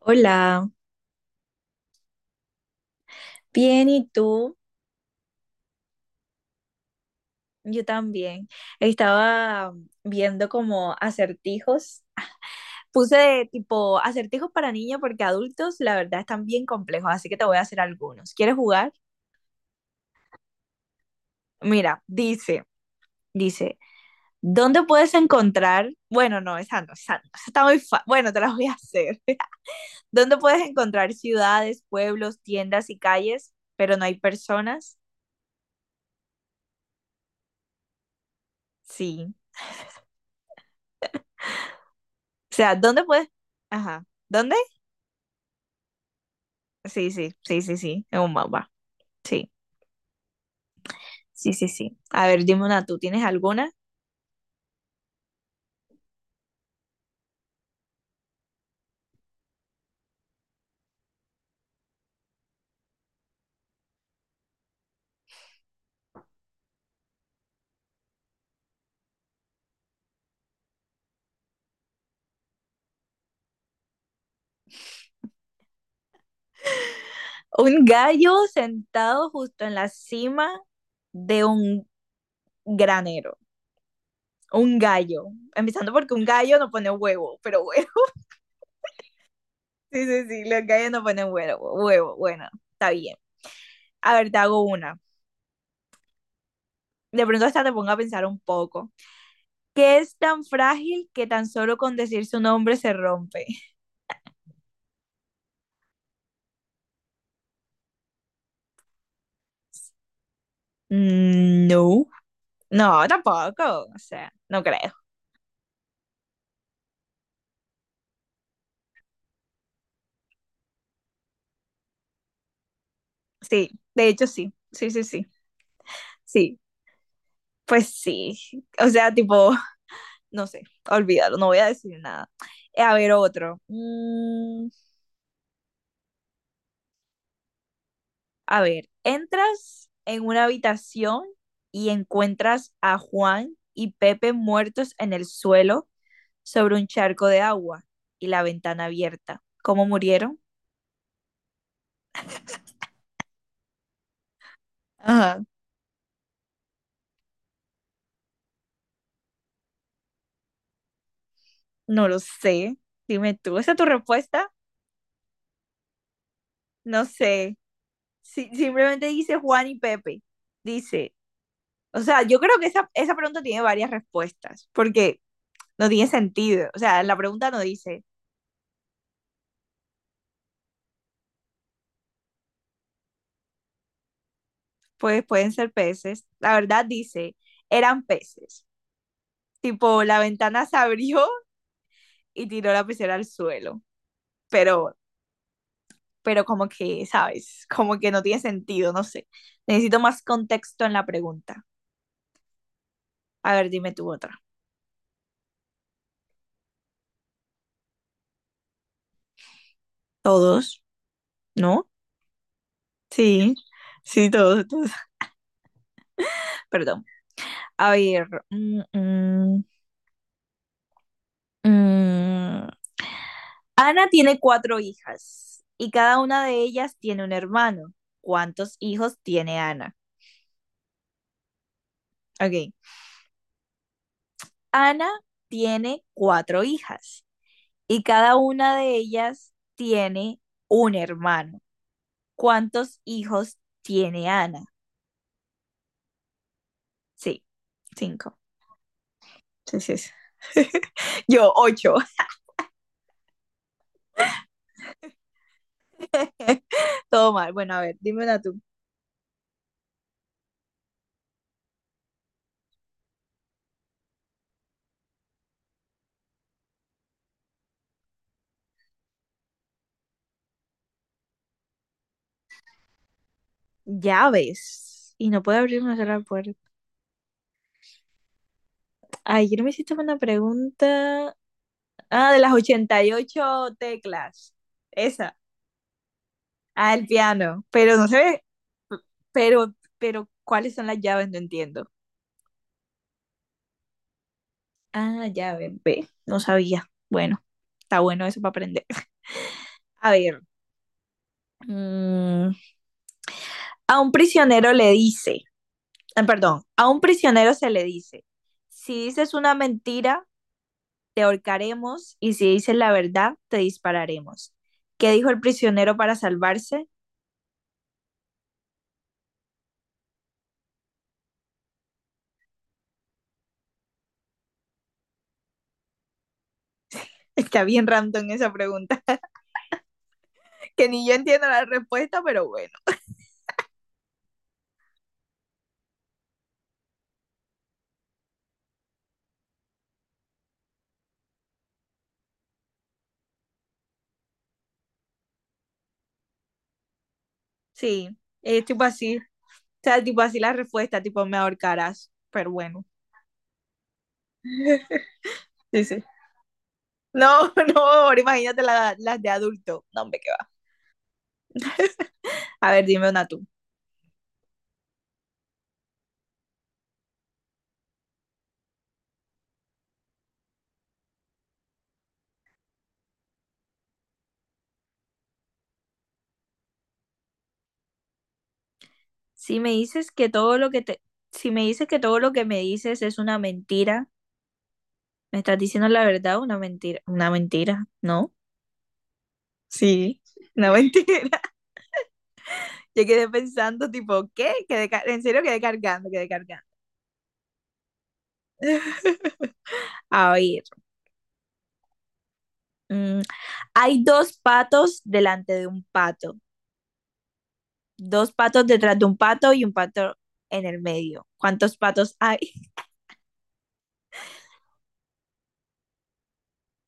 Hola, bien, ¿y tú? Yo también. Estaba viendo como acertijos. Puse tipo acertijos para niños porque adultos la verdad están bien complejos, así que te voy a hacer algunos. ¿Quieres jugar? Mira, dice, ¿dónde puedes encontrar? Bueno, no, esa no, esa no, esa está muy fácil. Bueno, te las voy a hacer. ¿Dónde puedes encontrar ciudades, pueblos, tiendas y calles, pero no hay personas? Sí. O sea, ¿dónde puedes? Ajá. Sí, sí, sí, sí, sí, es un mapa. Sí, sí, sí, sí. A ver, dime una, ¿tú tienes alguna? Un gallo sentado justo en la cima de un granero. Un gallo. Empezando porque un gallo no pone huevo, pero bueno. Sí, sí, sí, los gallos no ponen huevo. Bueno, está bien. A ver, te hago una. De pronto hasta te pongo a pensar un poco. ¿Qué es tan frágil que tan solo con decir su nombre se rompe? Mm, no, no, tampoco. O sea, no creo. Sí, de hecho sí, sí, sí, sí, sí, pues sí, o sea, tipo, no sé, olvídalo, no voy a decir nada. A ver, otro. A ver, entras en una habitación y encuentras a Juan y Pepe muertos en el suelo sobre un charco de agua y la ventana abierta. ¿Cómo murieron? Ajá. No lo sé. Dime tú, ¿esa es tu respuesta? No sé. Simplemente dice Juan y Pepe. Dice, o sea, yo creo que esa pregunta tiene varias respuestas, porque no tiene sentido. O sea, la pregunta no dice, pues pueden ser peces. La verdad dice, eran peces. Tipo, la ventana se abrió y tiró la pecera al suelo. Pero, pero como que, ¿sabes? Como que no tiene sentido, no sé. Necesito más contexto en la pregunta. A ver, dime tú otra. Todos, ¿no? Sí, sí, todos, todos. Perdón. A ver. Mm. Ana tiene cuatro hijas y cada una de ellas tiene un hermano. ¿Cuántos hijos tiene Ana? Ok. Ana tiene cuatro hijas y cada una de ellas tiene un hermano. ¿Cuántos hijos tiene Ana? Sí, cinco. Sí, sí, sí. Yo, ocho. Todo mal. Bueno, a ver, dime una tú. Llaves. Y no puedo abrir una sola puerta. Ay, yo no me hiciste una pregunta. Ah, de las 88 teclas. Esa. Ah, el piano. Pero no se ve. p- pero, ¿cuáles son las llaves? No entiendo. Ah, llave. Ve. No sabía. Bueno, está bueno eso para aprender. A ver. mm, a un prisionero le perdón. A un prisionero se le dice. Si dices una mentira, te ahorcaremos. Y si dices la verdad, te dispararemos. ¿Qué dijo el prisionero para salvarse? Está bien random esa pregunta. Que ni yo entiendo la respuesta, pero bueno, sí, es tipo así, o sea, tipo así la respuesta, tipo me ahorcarás, pero bueno. Sí, sí. No, no, ahora imagínate las de adulto, no, hombre, qué va. A ver, dime una tú. Si me dices que todo lo que te, Si me dices que todo lo que me dices es una mentira, ¿me estás diciendo la verdad o una mentira? Una mentira, ¿no? Sí. Una mentira. Yo quedé pensando, tipo, ¿qué? Quedé en serio quedé cargando, quedé cargando. A ver, mm, hay dos patos delante de un pato, dos patos detrás de un pato y un pato en el medio. ¿Cuántos patos hay?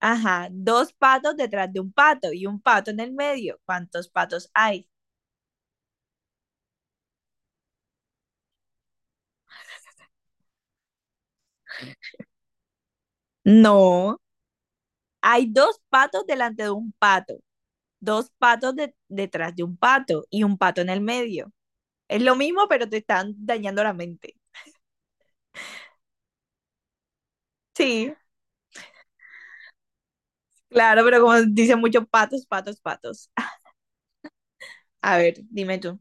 Ajá, dos patos detrás de un pato y un pato en el medio. ¿Cuántos patos hay? No, hay dos patos delante de un pato, dos patos detrás de un pato y un pato en el medio. Es lo mismo, pero te están dañando la mente. Sí, claro, pero como dicen muchos patos, patos, patos. A ver, dime tú.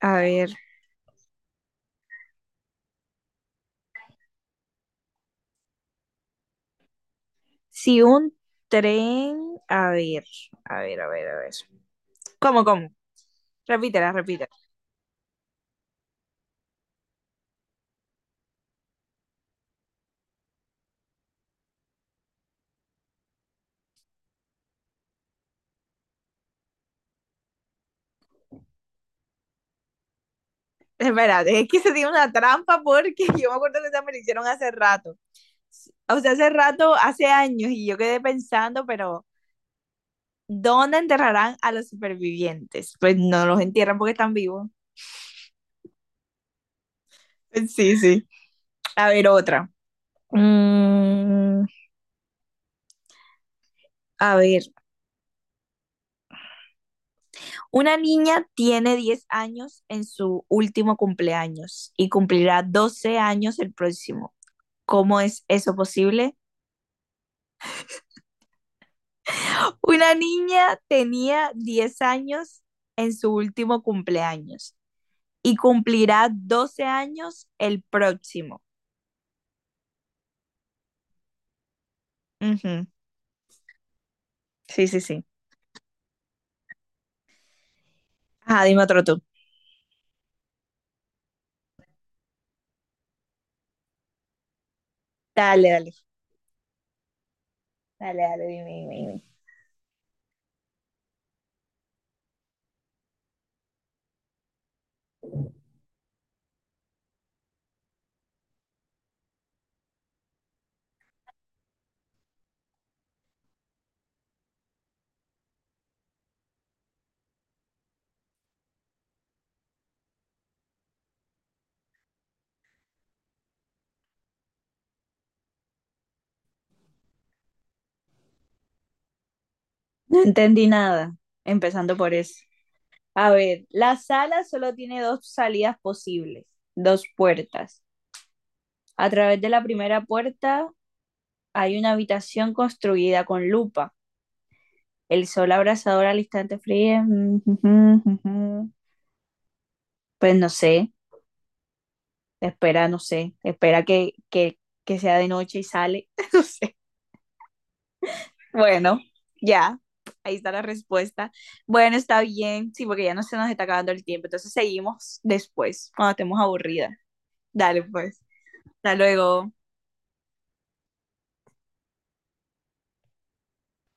A ver, si un tren, a ver, a ver, a ver, a ver. ¿Cómo, cómo? Repítela, repítela. Espérate, es que se tiene una trampa porque yo me acuerdo que esa me la hicieron hace rato. O sea, hace rato, hace años, y yo quedé pensando, pero ¿dónde enterrarán a los supervivientes? Pues no los entierran porque están vivos. Sí, sí. A ver, otra. Mm, a ver, una niña tiene 10 años en su último cumpleaños y cumplirá 12 años el próximo. ¿Cómo es eso posible? Una niña tenía 10 años en su último cumpleaños y cumplirá 12 años el próximo. Ujú. Sí, sí, sí. Ah, dime otro tú. Dale, dale, dale, dale, dime, dime, dime. No entendí nada, empezando por eso. A ver, la sala solo tiene dos salidas posibles, dos puertas. A través de la primera puerta hay una habitación construida con lupa. El sol abrasador al instante frío. Mm, mm, mm, mm. Pues no sé, espera, no sé, espera que sea de noche y sale. No sé. Bueno, ya, ahí está la respuesta. Bueno, está bien, sí, porque ya no se nos está acabando el tiempo. Entonces seguimos después, cuando estemos aburridas. Dale, pues. Hasta luego.